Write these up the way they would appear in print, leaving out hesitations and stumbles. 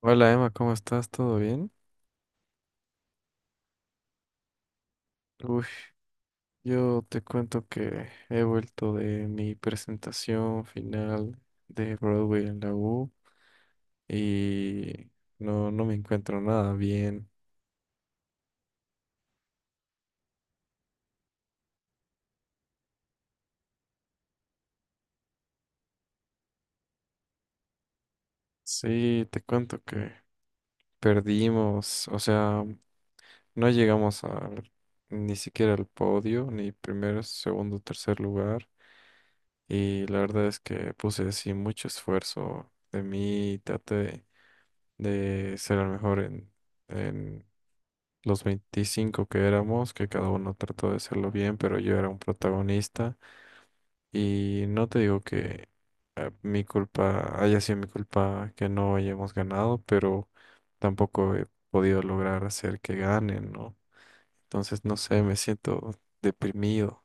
Hola Emma, ¿cómo estás? ¿Todo bien? Uy, yo te cuento que he vuelto de mi presentación final de Broadway en la U y no, no me encuentro nada bien. Sí, te cuento que perdimos, o sea, no llegamos al, ni siquiera al podio, ni primer, segundo, tercer lugar. Y la verdad es que puse así mucho esfuerzo de mí, traté de ser el mejor en en los 25 que éramos, que cada uno trató de hacerlo bien, pero yo era un protagonista y no te digo que mi culpa haya sido mi culpa que no hayamos ganado, pero tampoco he podido lograr hacer que ganen, ¿no? Entonces, no sé, me siento deprimido.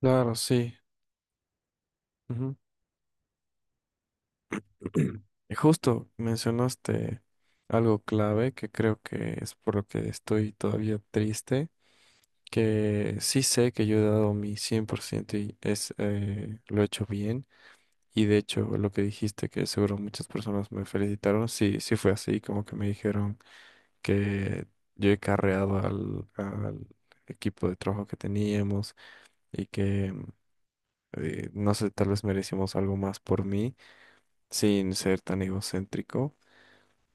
Claro, sí. Ujú. Y justo mencionaste algo clave que creo que es por lo que estoy todavía triste, que sí sé que yo he dado mi 100% y es, lo he hecho bien. Y de hecho, lo que dijiste, que seguro muchas personas me felicitaron, sí, sí fue así, como que me dijeron que yo he carreado al equipo de trabajo que teníamos y que, no sé, tal vez merecimos algo más por mí, sin ser tan egocéntrico,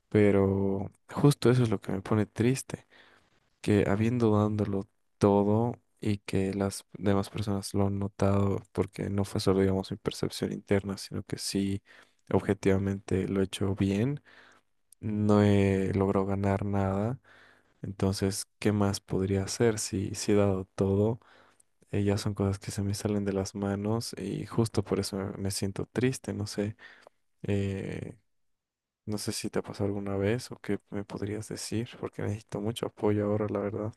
pero justo eso es lo que me pone triste, que habiendo dándolo todo y que las demás personas lo han notado, porque no fue solo, digamos, mi percepción interna, sino que sí, objetivamente lo he hecho bien, no he logrado ganar nada. Entonces, ¿qué más podría hacer si, si he dado todo? Ya son cosas que se me salen de las manos y justo por eso me siento triste, no sé. eh, no sé si te ha pasado alguna vez o qué me podrías decir, porque necesito mucho apoyo ahora, la verdad.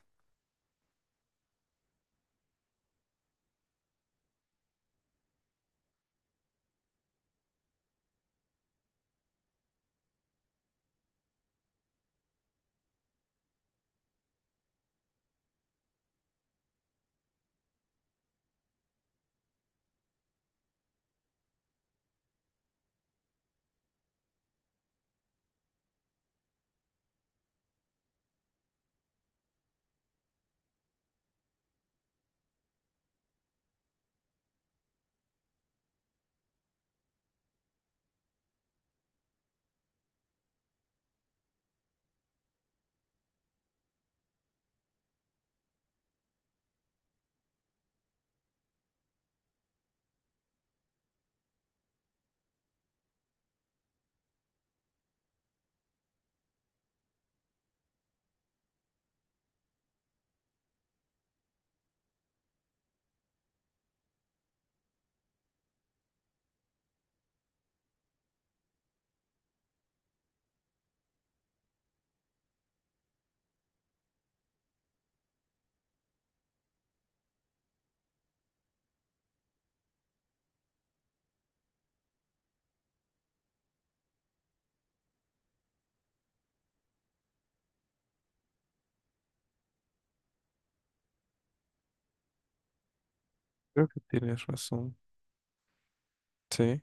Creo que tienes razón. Sí,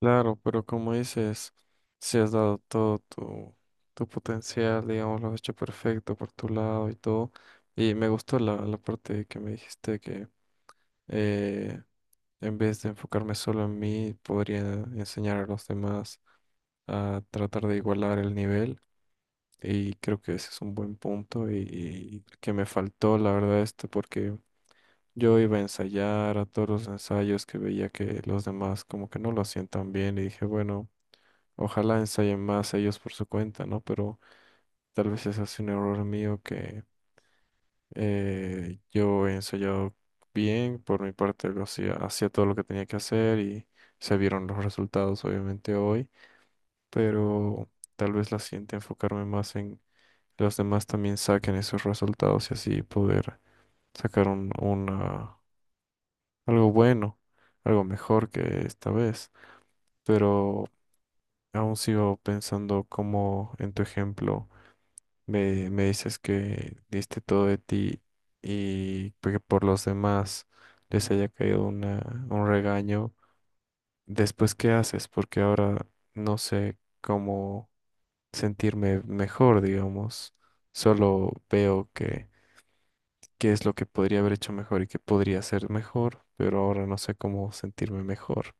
claro, pero como dices, si has dado todo tu potencial, digamos, lo has hecho perfecto por tu lado y todo. Y me gustó la parte que me dijiste que eh, en vez de enfocarme solo en mí, podría enseñar a los demás a tratar de igualar el nivel. Y creo que ese es un buen punto y que me faltó, la verdad, esto, porque yo iba a ensayar a todos los ensayos que veía que los demás como que no lo hacían tan bien y dije, bueno. Ojalá ensayen más ellos por su cuenta, ¿no? Pero tal vez ese es un error mío que yo he ensayado bien, por mi parte lo hacía, hacía todo lo que tenía que hacer y se vieron los resultados obviamente hoy, pero tal vez la siguiente enfocarme más en que los demás también saquen esos resultados y así poder sacar un, una, algo bueno, algo mejor que esta vez. Pero aún sigo pensando como en tu ejemplo. Me dices que diste todo de ti y que por los demás les haya caído una, un regaño. Después, ¿qué haces? Porque ahora no sé cómo sentirme mejor, digamos. Solo veo que qué es lo que podría haber hecho mejor y qué podría hacer mejor, pero ahora no sé cómo sentirme mejor.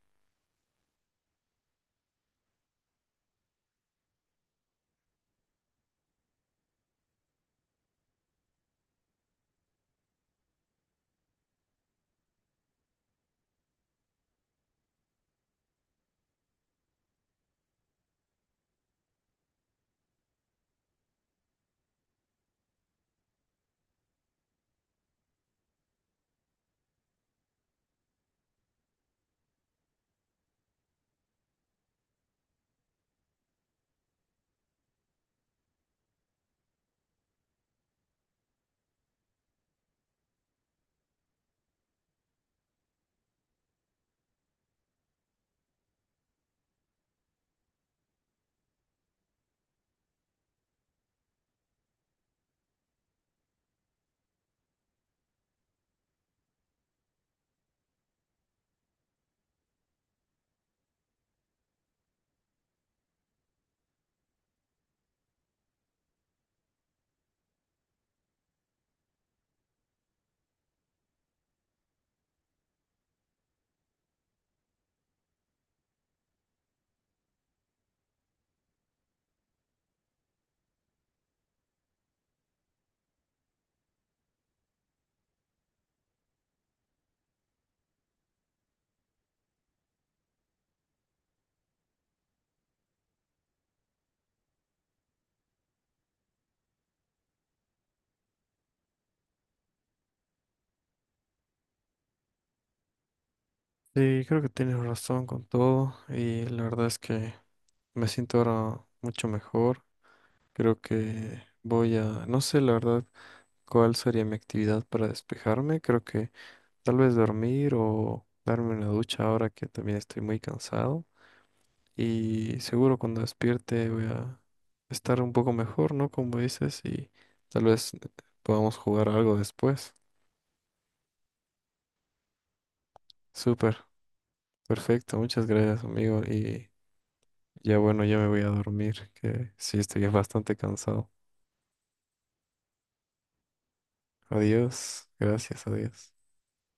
Sí, creo que tienes razón con todo y la verdad es que me siento ahora mucho mejor. Creo que voy a, no sé la verdad cuál sería mi actividad para despejarme. Creo que tal vez dormir o darme una ducha ahora que también estoy muy cansado. Y seguro cuando despierte voy a estar un poco mejor, ¿no? Como dices, y tal vez podamos jugar algo después. Súper, perfecto. Muchas gracias, amigo. Y ya bueno, ya me voy a dormir, que sí estoy bastante cansado. Adiós. Gracias, adiós.